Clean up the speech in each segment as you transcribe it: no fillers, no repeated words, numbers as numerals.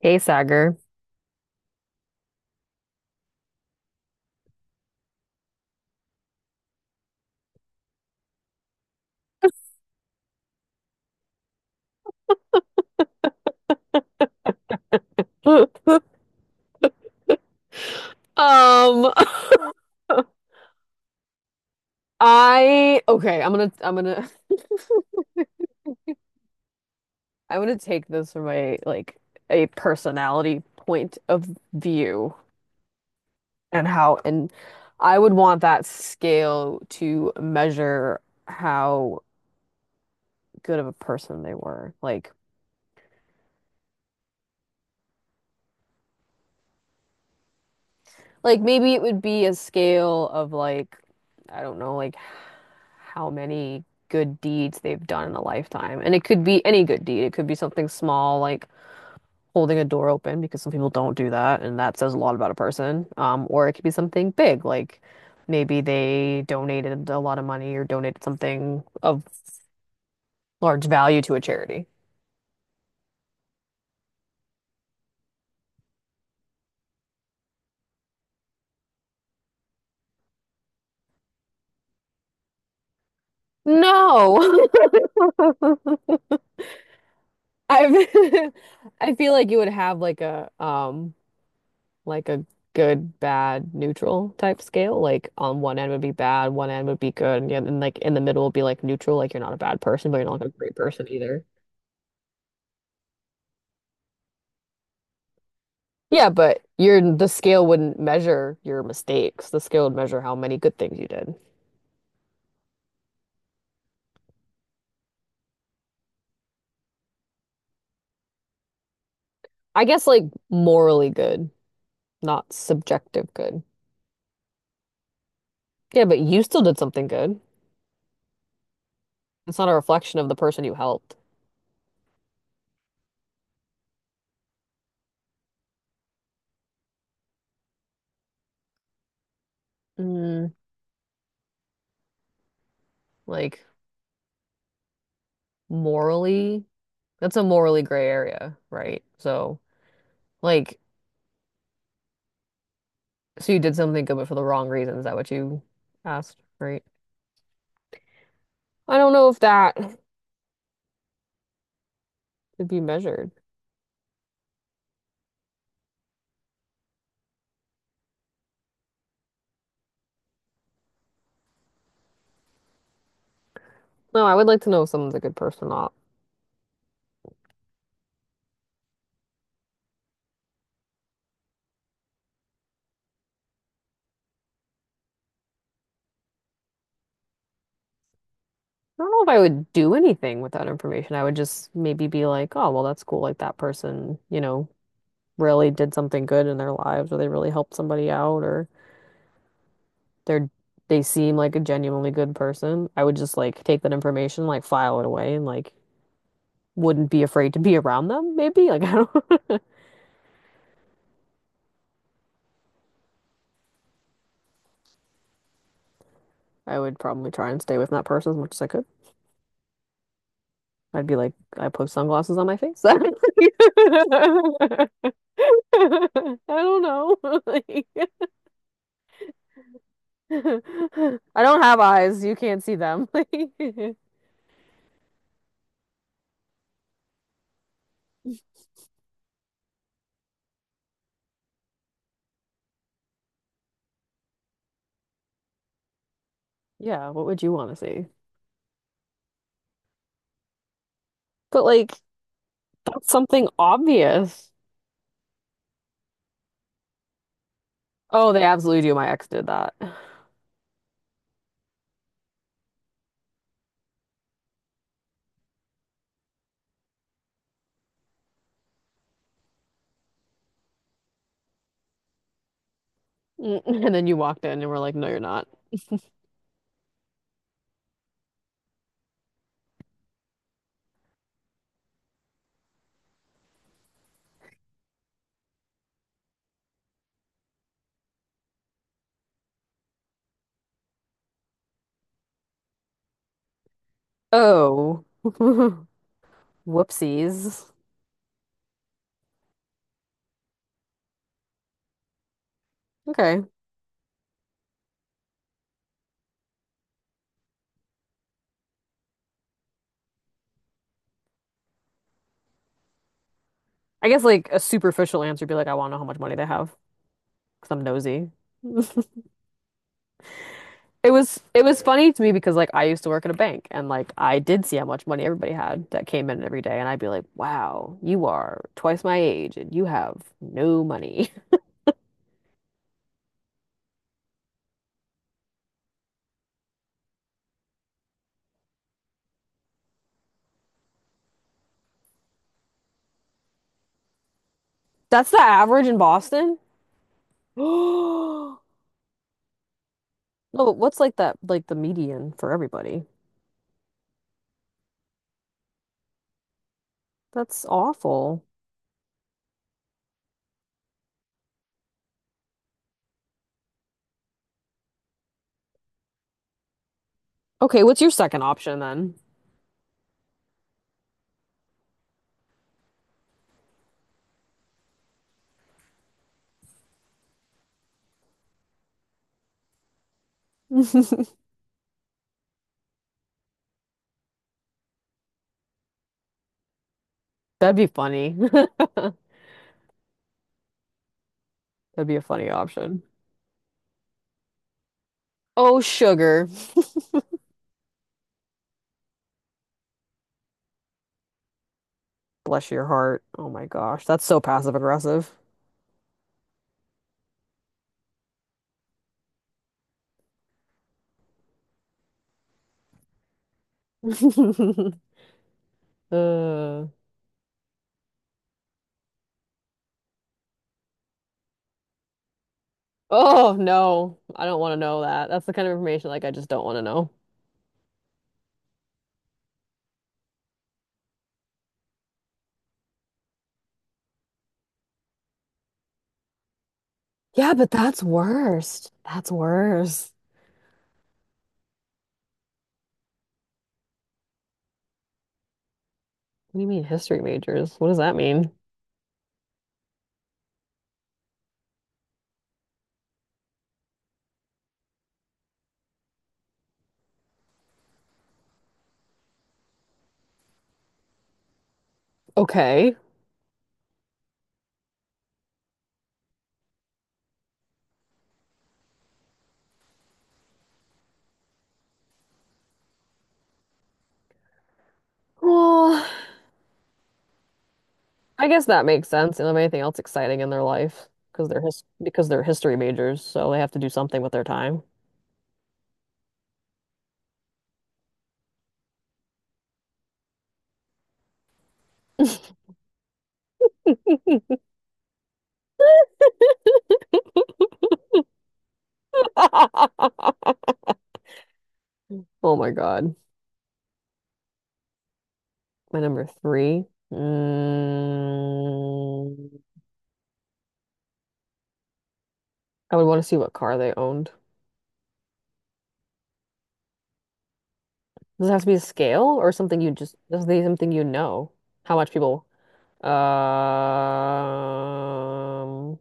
Hey, Sagar. Um, I okay, I'm gonna take this from a like a personality point of view, and how and I would want that scale to measure how good of a person they were. Like maybe it would be a scale of like I don't know, like how many good deeds they've done in a lifetime. And it could be any good deed. It could be something small like holding a door open, because some people don't do that, and that says a lot about a person. Or it could be something big, like maybe they donated a lot of money or donated something of large value to a charity. No. I've I feel like you would have like a good, bad, neutral type scale. Like on one end would be bad, one end would be good, and, and like in the middle would be like neutral, like you're not a bad person, but you're not like a great person either. Yeah, but your the scale wouldn't measure your mistakes. The scale would measure how many good things you did. I guess like morally good, not subjective good. Yeah, but you still did something good. It's not a reflection of the person you helped. Mm, like morally, that's a morally gray area, right? So like, so you did something good, but for the wrong reason. Is that what you asked, right? I don't know if that could be measured. No, I would like to know if someone's a good person or not. I don't know if I would do anything with that information. I would just maybe be like, oh, well, that's cool. Like that person, you know, really did something good in their lives, or they really helped somebody out, or they're they seem like a genuinely good person. I would just like take that information, like file it away, and like wouldn't be afraid to be around them, maybe. Like I don't. I would probably try and stay with that person as much as I could. I'd be like, I put sunglasses on my face. I don't know. Like, I don't have eyes. You can't see them. Like, yeah, what would you want to see? But like, that's something obvious. Oh, they absolutely do. My ex did that. And then you walked in and were like, no, you're not. Oh. Whoopsies. Okay. I guess like a superficial answer would be like, I want to know how much money they have, because I'm nosy. It was funny to me, because like I used to work at a bank, and like I did see how much money everybody had that came in every day, and I'd be like, "Wow, you are twice my age and you have no money." That's the average in Boston? No, but what's like that like the median for everybody? That's awful. Okay, what's your second option then? That'd be funny. That'd be a funny option. Oh, sugar. Bless your heart. Oh my gosh, that's so passive aggressive. Uh, Oh no, I don't want to know that. That's the kind of information like I just don't want to know. Yeah, but that's worst. That's worse. What do you mean history majors? What does that mean? Okay. Well, I guess that makes sense. They don't have anything else exciting in their life because they're history majors, so they have to do something with their time. Oh my God. My number three. Mm, I would want to see what car they owned. Does it have to be a scale, or something you just, does it have to be something you know? How much people? Um,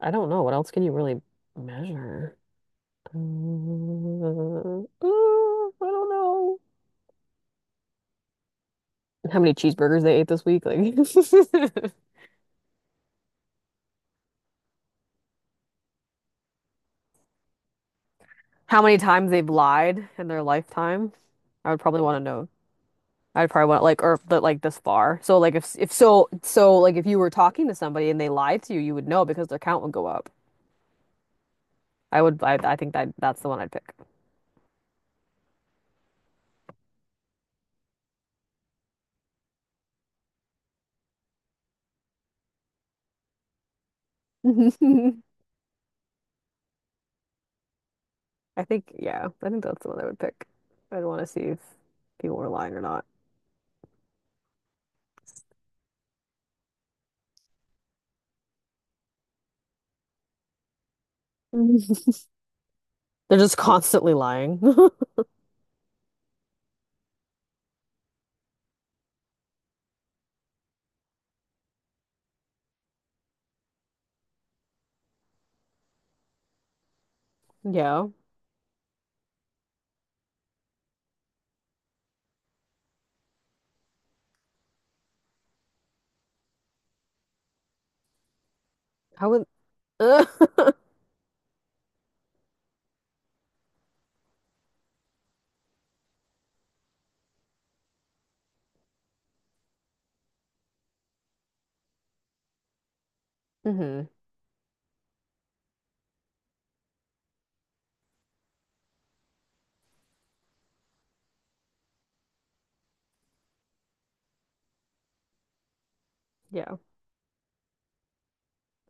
I don't know. What else can you really measure? I don't know. How many cheeseburgers they ate this week? Like, how many times they've lied in their lifetime? I would probably want to know. I'd probably want like, or but like this far. So like, if so, so like if you were talking to somebody and they lied to you, you would know because their count would go up. I think that that's the one I'd pick. I think, yeah, I think that's the one I would pick. I'd want to see if people were lying or not. They're just constantly lying. Yeah. How would, hmm. Yeah.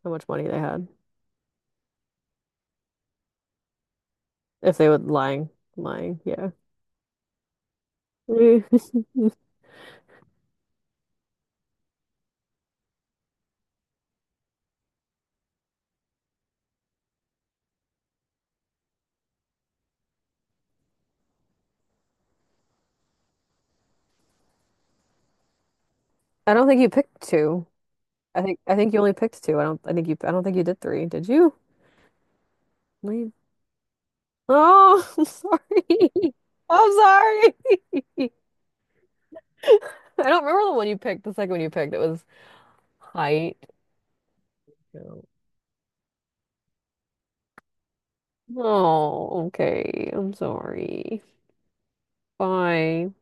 How much money they had. If they would lying, lying. Yeah. I don't think you picked two. I think you only picked two. I don't, I think you, I don't think you did three. Did you? No, you- Oh, I'm sorry. I'm sorry. I don't remember the one you picked, the second one you picked. It was height. Oh, okay. I'm sorry. Bye.